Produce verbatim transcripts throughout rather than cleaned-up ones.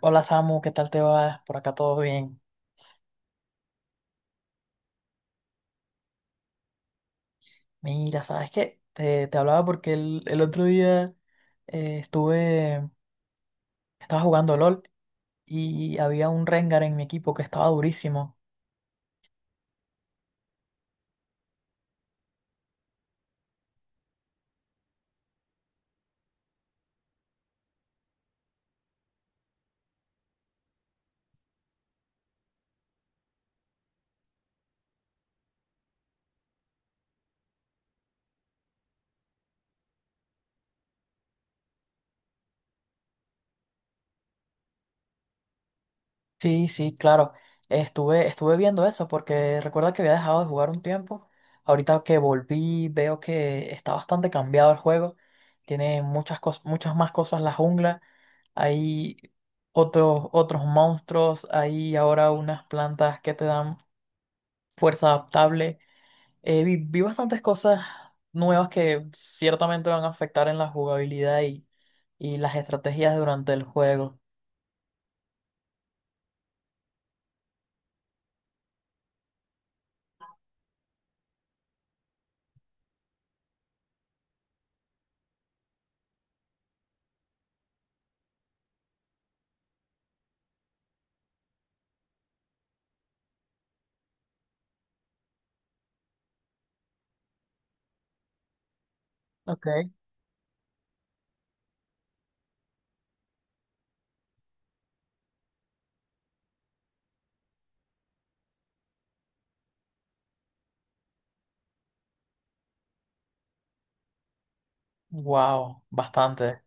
Hola Samu, ¿qué tal te va? Por acá todo bien. Mira, ¿sabes qué? Te, te hablaba porque el, el otro día eh, estuve, estaba jugando LOL y había un Rengar en mi equipo que estaba durísimo. Sí, sí, claro. Estuve, estuve viendo eso porque recuerda que había dejado de jugar un tiempo. Ahorita que volví, veo que está bastante cambiado el juego. Tiene muchas cosas, muchas más cosas la jungla. Hay otros, otros monstruos. Hay ahora unas plantas que te dan fuerza adaptable. Eh, vi, vi bastantes cosas nuevas que ciertamente van a afectar en la jugabilidad y, y las estrategias durante el juego. Ok. Wow, bastante.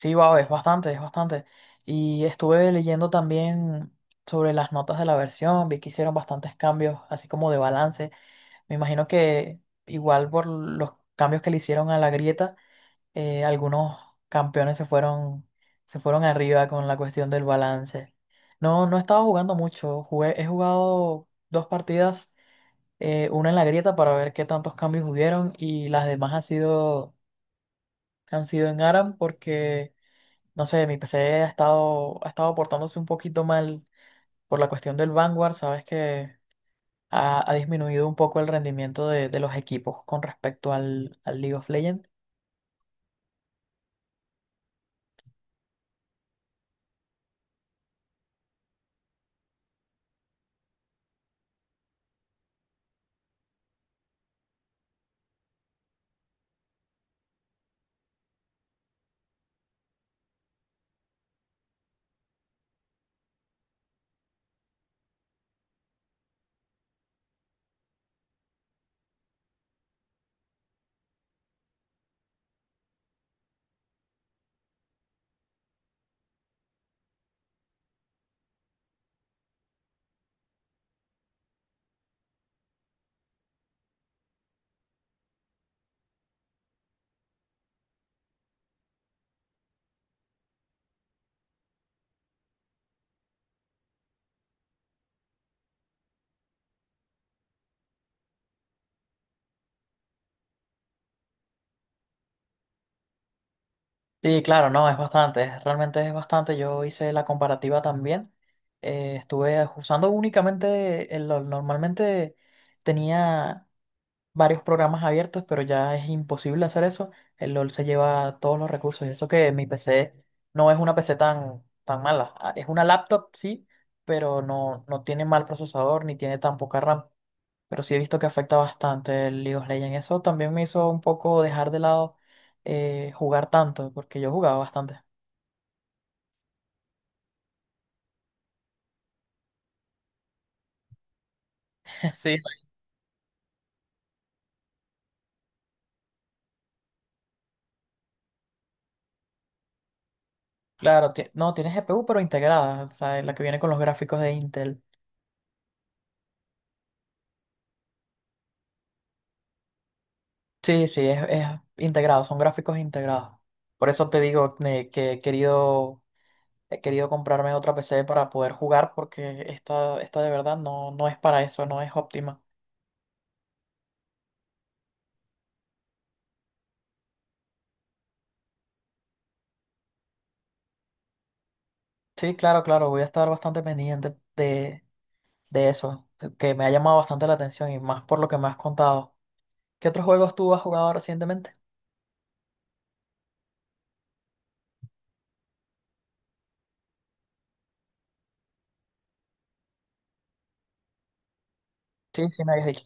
Sí, wow, es bastante, es bastante. Y estuve leyendo también sobre las notas de la versión, vi que hicieron bastantes cambios, así como de balance. Me imagino que igual por los cambios que le hicieron a la grieta, eh, algunos campeones se fueron, se fueron arriba con la cuestión del balance. No, no he estado jugando mucho. Jugué, he jugado dos partidas, eh, una en la grieta para ver qué tantos cambios hubieron y las demás han sido, han sido en A R A M porque, no sé, mi P C ha estado, ha estado portándose un poquito mal por la cuestión del Vanguard. Sabes que ha, ha disminuido un poco el rendimiento de, de los equipos con respecto al, al League of Legends. Sí, claro, no, es bastante, es- realmente es bastante. Yo hice la comparativa también. Eh, estuve usando únicamente, el- lo- normalmente tenía varios programas abiertos, pero ya es imposible hacer eso. El LOL se lleva todos los recursos. Y eso que mi P C no es una P C tan, tan mala. Ah, es una laptop, sí, pero no, no tiene mal procesador ni tiene tan poca RAM. Pero sí he visto que afecta bastante el League of Legends. Eso también me hizo un poco dejar de lado eh, jugar tanto, porque yo jugaba bastante. Sí, claro, ti- no, tiene G P U, pero integrada, o sea, la que viene con los gráficos de Intel. Sí, sí, es, es integrado, son gráficos integrados. Por eso te digo, eh, que he querido, he querido comprarme otra P C para poder jugar, porque esta, esta de verdad no, no es para eso, no es óptima. Sí, claro, claro, voy a estar bastante pendiente de, de eso, que me ha llamado bastante la atención y más por lo que me has contado. ¿Qué otros juegos tú has jugado recientemente? Sí, sí, me habías dicho.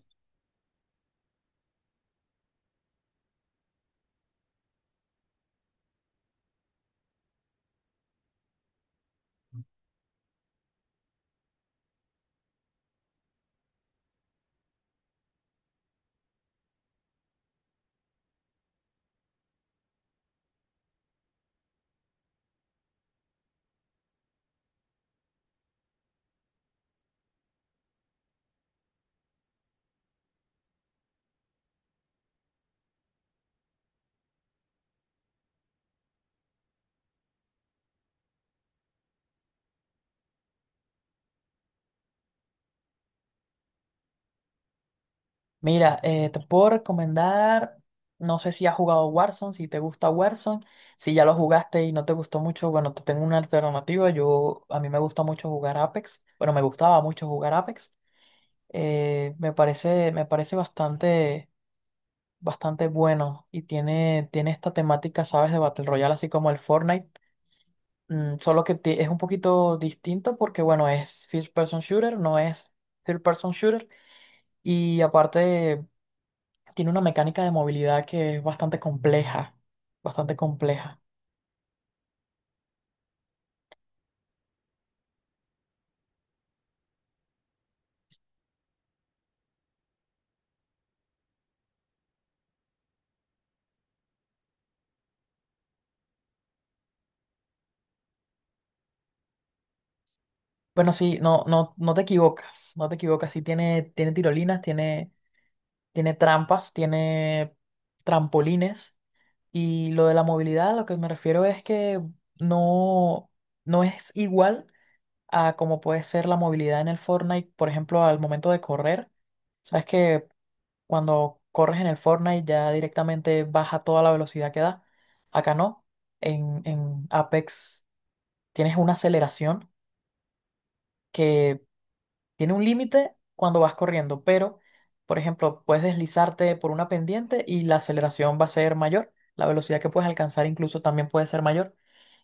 Mira, eh, te puedo recomendar, no sé si has jugado Warzone, si te gusta Warzone, si ya lo jugaste y no te gustó mucho, bueno, te tengo una alternativa, yo, a mí me gusta mucho jugar Apex, bueno, me gustaba mucho jugar Apex, eh, me parece, me parece bastante, bastante bueno y tiene, tiene esta temática, ¿sabes? De Battle Royale, así como el Fortnite, mm, solo que ti- es un poquito distinto porque, bueno, es First Person Shooter, no es Third Person Shooter y aparte, tiene una mecánica de movilidad que es bastante compleja, bastante compleja. Bueno, sí, no, no, no te equivocas, no te equivocas. Sí tiene, tiene tirolinas, tiene, tiene trampas, tiene trampolines. Y lo de la movilidad, a lo que me refiero es que no, no es igual a como puede ser la movilidad en el Fortnite, por ejemplo, al momento de correr. Sabes que cuando corres en el Fortnite ya directamente baja toda la velocidad que da. Acá no, en, en Apex tienes una aceleración que tiene un límite cuando vas corriendo, pero, por ejemplo, puedes deslizarte por una pendiente y la aceleración va a ser mayor, la velocidad que puedes alcanzar incluso también puede ser mayor,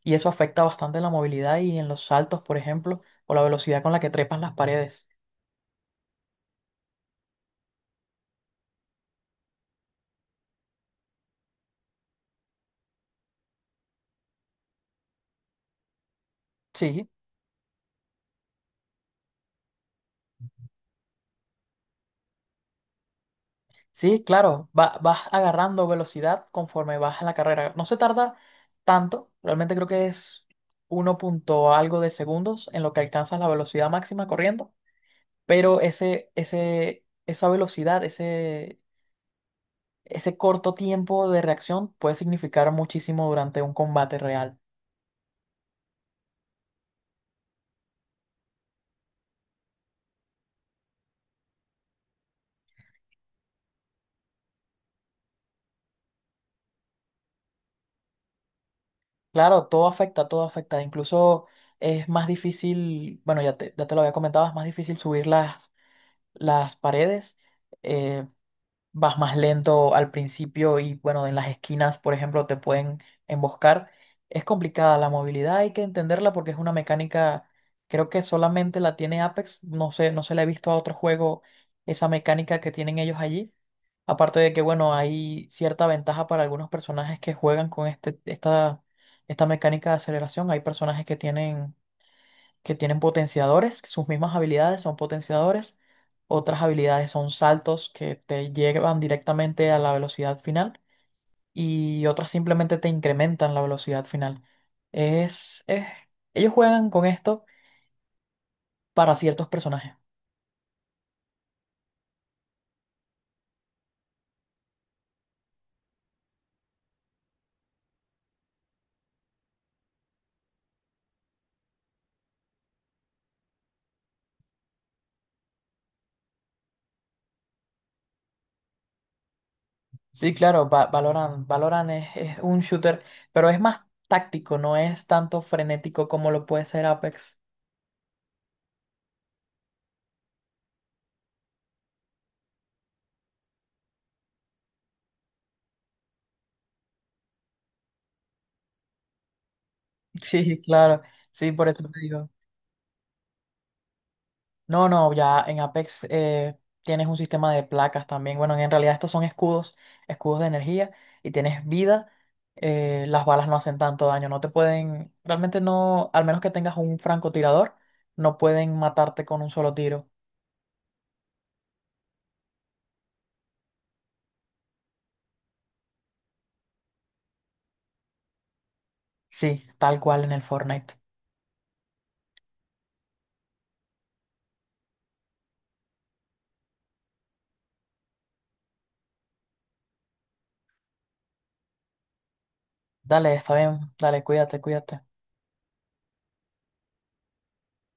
y eso afecta bastante en la movilidad y en los saltos, por ejemplo, o la velocidad con la que trepas las paredes. Sí. Sí, claro, va- vas agarrando velocidad conforme vas en la carrera. No se tarda tanto, realmente creo que es uno punto algo de segundos en lo que alcanzas la velocidad máxima corriendo, pero ese, ese, esa velocidad, ese, ese corto tiempo de reacción puede significar muchísimo durante un combate real. Claro, todo afecta, todo afecta. Incluso es más difícil, bueno, ya te, ya te lo había comentado, es más difícil subir las, las paredes. Eh, Vas más lento al principio y bueno, en las esquinas, por ejemplo, te pueden emboscar. Es complicada la movilidad, hay que entenderla porque es una mecánica, creo que solamente la tiene Apex, no sé, no se la he visto a otro juego esa mecánica que tienen ellos allí. Aparte de que, bueno, hay cierta ventaja para algunos personajes que juegan con este, esta, esta mecánica de aceleración. Hay personajes que tienen que tienen potenciadores, que sus mismas habilidades son potenciadores, otras habilidades son saltos que te llevan directamente a la velocidad final y otras simplemente te incrementan la velocidad final. Es, es- ellos juegan con esto para ciertos personajes. Sí, claro, Va- Valorant, Valorant es, es un shooter, pero es más táctico, no es tanto frenético como lo puede ser Apex. Sí, claro, sí, por eso te digo. No, no, ya en Apex, eh, tienes un sistema de placas también. Bueno, en realidad estos son escudos, escudos de energía y tienes vida. Eh, las balas no hacen tanto daño, no te pueden, realmente no, al menos que tengas un francotirador, no pueden matarte con un solo tiro. Sí, tal cual en el Fortnite. Dale, está bien, dale, cuídate, cuídate.